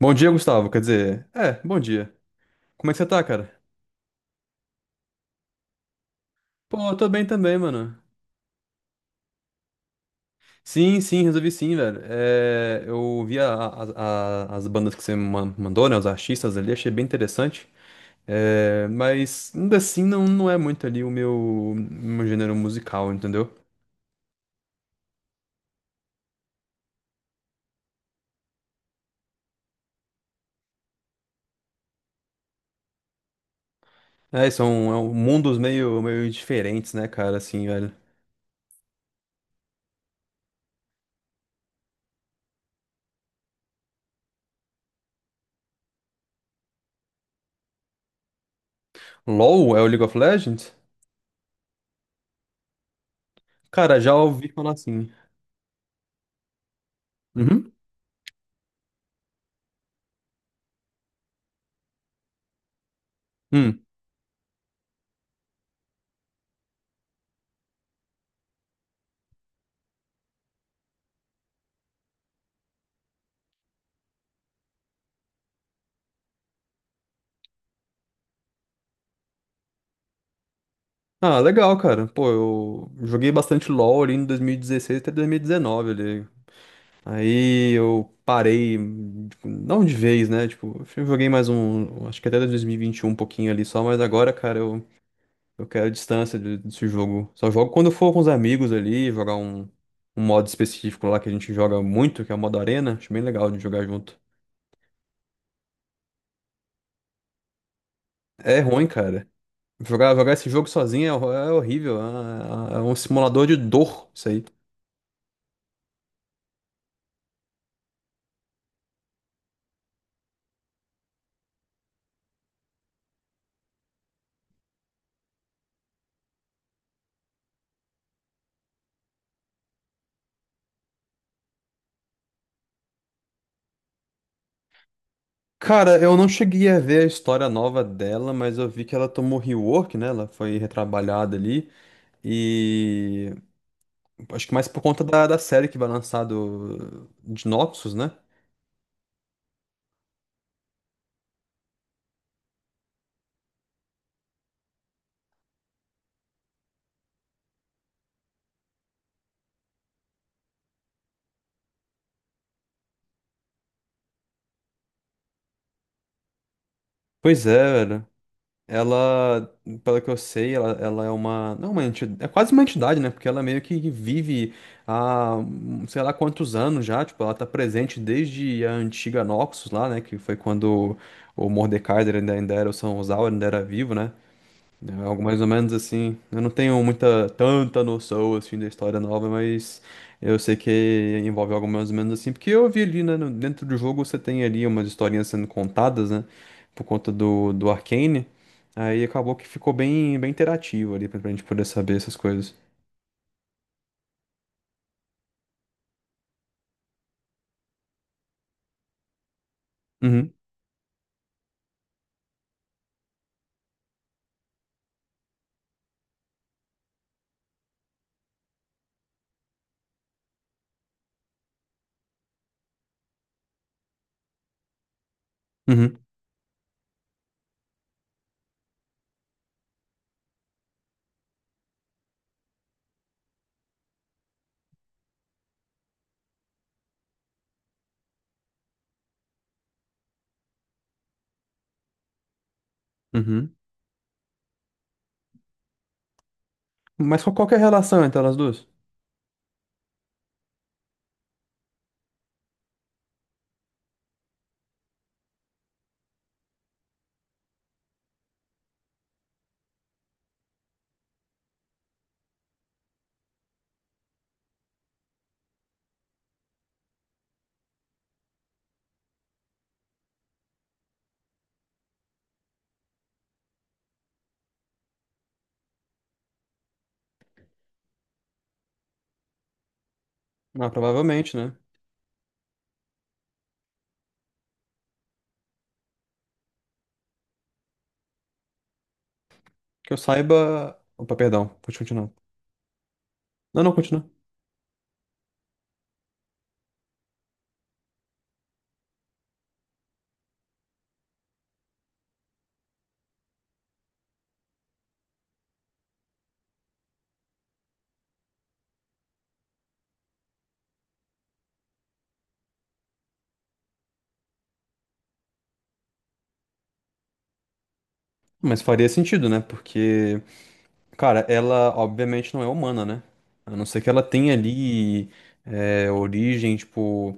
Bom dia, Gustavo. Quer dizer, bom dia. Como é que você tá, cara? Pô, eu tô bem também, mano. Sim, sim, resolvi sim, velho. É, eu vi as bandas que você mandou, né? Os artistas ali, achei bem interessante. É, mas ainda assim não é muito ali o meu gênero musical, entendeu? São um mundos meio diferentes, né, cara, assim, velho. LOL é o League of Legends? Cara, já ouvi falar assim. Uhum. Hum. Ah, legal, cara. Pô, eu joguei bastante LoL ali em 2016 até 2019 ali. Aí eu parei, tipo, não de vez, né? Tipo, acho que eu joguei mais um, acho que até 2021 um pouquinho ali só, mas agora, cara, eu quero distância desse jogo. Só jogo quando eu for com os amigos ali, jogar um modo específico lá que a gente joga muito, que é o modo arena. Acho bem legal de jogar junto. É ruim, cara. Jogar esse jogo sozinho é horrível. É um simulador de dor, isso aí. Cara, eu não cheguei a ver a história nova dela, mas eu vi que ela tomou rework, né? Ela foi retrabalhada ali. E acho que mais por conta da série que vai lançar do de Noxus, né? Pois é, velho. Ela, pelo que eu sei, ela é uma. Não, uma entidade. É quase uma entidade, né? Porque ela meio que vive há sei lá quantos anos já. Tipo, ela tá presente desde a antiga Noxus lá, né? Que foi quando o Mordekaiser ainda era, o São Sal ainda era vivo, né? É algo mais ou menos assim. Eu não tenho tanta noção assim da história nova, mas eu sei que envolve algo mais ou menos assim, porque eu vi ali, né, dentro do jogo você tem ali umas historinhas sendo contadas, né, por conta do Arcane. Aí acabou que ficou bem interativo ali pra gente poder saber essas coisas. Uhum, uhum, uhum. Mas qual que é a relação entre elas duas? Ah, provavelmente, né? Que eu saiba. Opa, perdão, pode continuar. Não, não, continua. Mas faria sentido, né? Porque. Cara, ela obviamente não é humana, né? A não ser que ela tenha ali origem, tipo,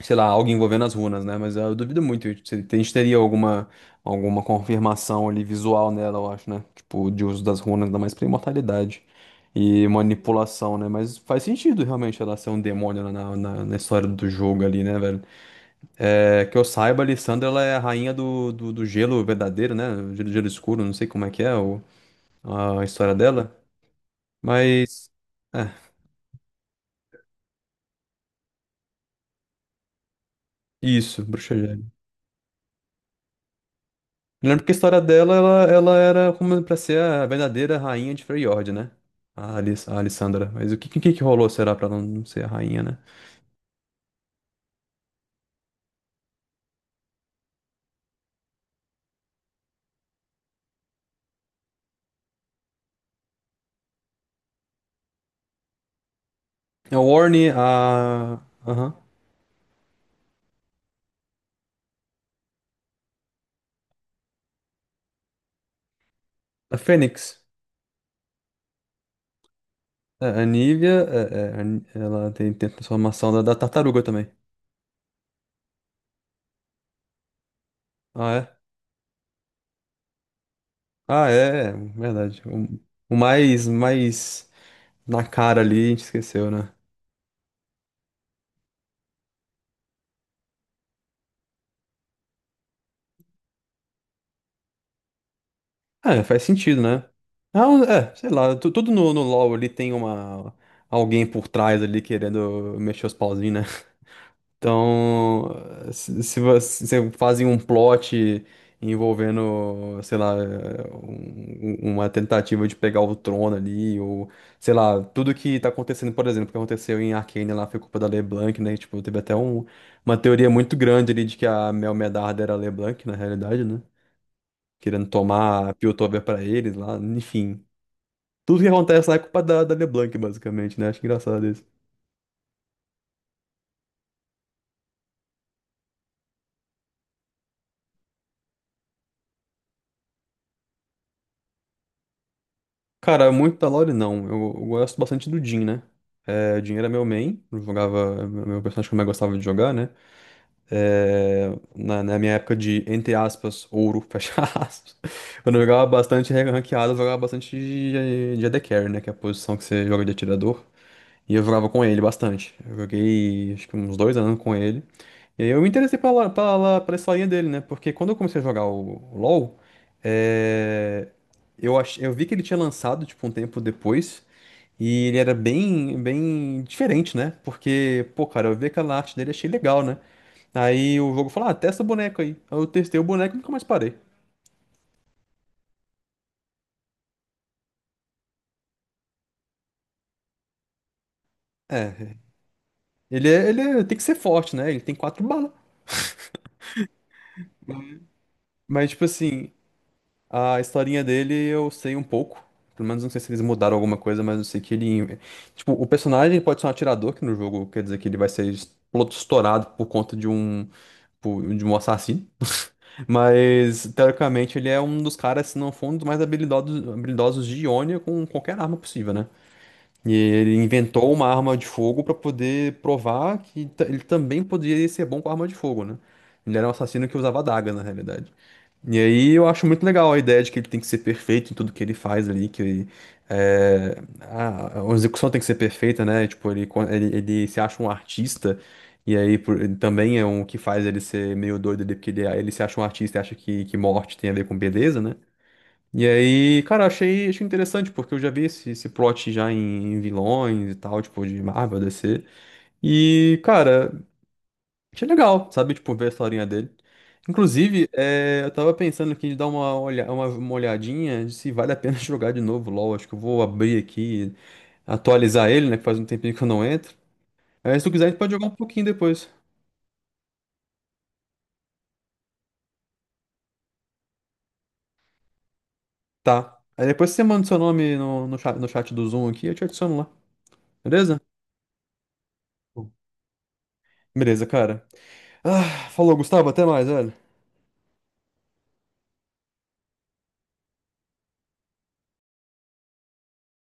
sei lá, algo envolvendo as runas, né? Mas eu duvido muito. A gente teria alguma confirmação ali visual nela, eu acho, né? Tipo, de uso das runas, ainda mais pra imortalidade e manipulação, né? Mas faz sentido realmente ela ser um demônio na história do jogo ali, né, velho? É, que eu saiba, a Lissandra, ela é a rainha do gelo verdadeiro, né? Gelo escuro, não sei como é que é a história dela. Mas. É, isso, Bruxa Gélida. Eu lembro que a história dela, ela era como pra ser a verdadeira rainha de Freyord, né? A Alissandra. Mas o que rolou, será, pra ela não ser a rainha, né? A Orne, a. Aham. A Fênix. É, A Nívia, ela tem, tem a transformação da tartaruga também. Ah, é? Ah, é, é verdade. O, mais na cara ali, a gente esqueceu, né? Ah, é, faz sentido, né? Ah, é, sei lá, tudo no LoL ali tem uma alguém por trás ali querendo mexer os pauzinhos, né? Então, se você se fazem um plot envolvendo, sei lá, uma tentativa de pegar o trono ali, ou sei lá, tudo que tá acontecendo, por exemplo, o que aconteceu em Arcane lá foi culpa da LeBlanc, né? Tipo, teve até uma teoria muito grande ali de que a Mel Medarda era a LeBlanc, na realidade, né? Querendo tomar Piltover pra eles lá, enfim. Tudo que acontece lá é culpa da LeBlanc, basicamente, né? Acho engraçado isso. Cara, muito da Lore não. Eu gosto bastante do Jhin, né? É, o Jhin era meu main, eu jogava, meu personagem que eu mais gostava de jogar, né? É, na minha época de, entre aspas, ouro, fecha aspas. Quando eu jogava bastante ranqueado, eu jogava bastante de AD Carry, né? Que é a posição que você joga de atirador. E eu jogava com ele bastante. Eu joguei acho que uns dois anos com ele. E aí eu me interessei pela historinha dele, né? Porque quando eu comecei a jogar o LoL, é, eu vi que ele tinha lançado tipo, um tempo depois. E ele era bem diferente, né? Porque, pô, cara, eu vi aquela arte dele e achei legal, né? Aí o jogo falou, ah, testa o boneco aí. Aí eu testei o boneco e nunca mais parei. É, tem que ser forte, né? Ele tem quatro balas. Mas, tipo assim, a historinha dele eu sei um pouco. Pelo menos não sei se eles mudaram alguma coisa, mas eu sei que ele. Tipo, o personagem pode ser um atirador, que no jogo quer dizer que ele vai ser estourado por conta de de um assassino. Mas, teoricamente, ele é um dos caras, se não for um dos mais habilidosos de Ionia com qualquer arma possível, né? E ele inventou uma arma de fogo pra poder provar que ele também poderia ser bom com arma de fogo, né? Ele era um assassino que usava adagas, na realidade. E aí eu acho muito legal a ideia de que ele tem que ser perfeito em tudo que ele faz ali, que é, a execução tem que ser perfeita, né? Tipo, ele se acha um artista, e aí ele também é um que faz ele ser meio doido ali, porque ele se acha um artista e acha que morte tem a ver com beleza, né? E aí, cara, achei interessante, porque eu já vi esse plot já em, em vilões e tal, tipo, de Marvel, DC. E, cara, achei legal, sabe? Tipo, ver a historinha dele. Inclusive, é, eu tava pensando aqui de dar uma, olha, uma olhadinha de se vale a pena jogar de novo LoL. Acho que eu vou abrir aqui, atualizar ele, né? Que faz um tempinho que eu não entro. Aí, se tu quiser, a gente pode jogar um pouquinho depois. Tá. Aí depois você manda seu nome no chat, no chat do Zoom aqui, eu te adiciono lá. Beleza? Beleza, cara. Ah, falou, Gustavo. Até mais, velho.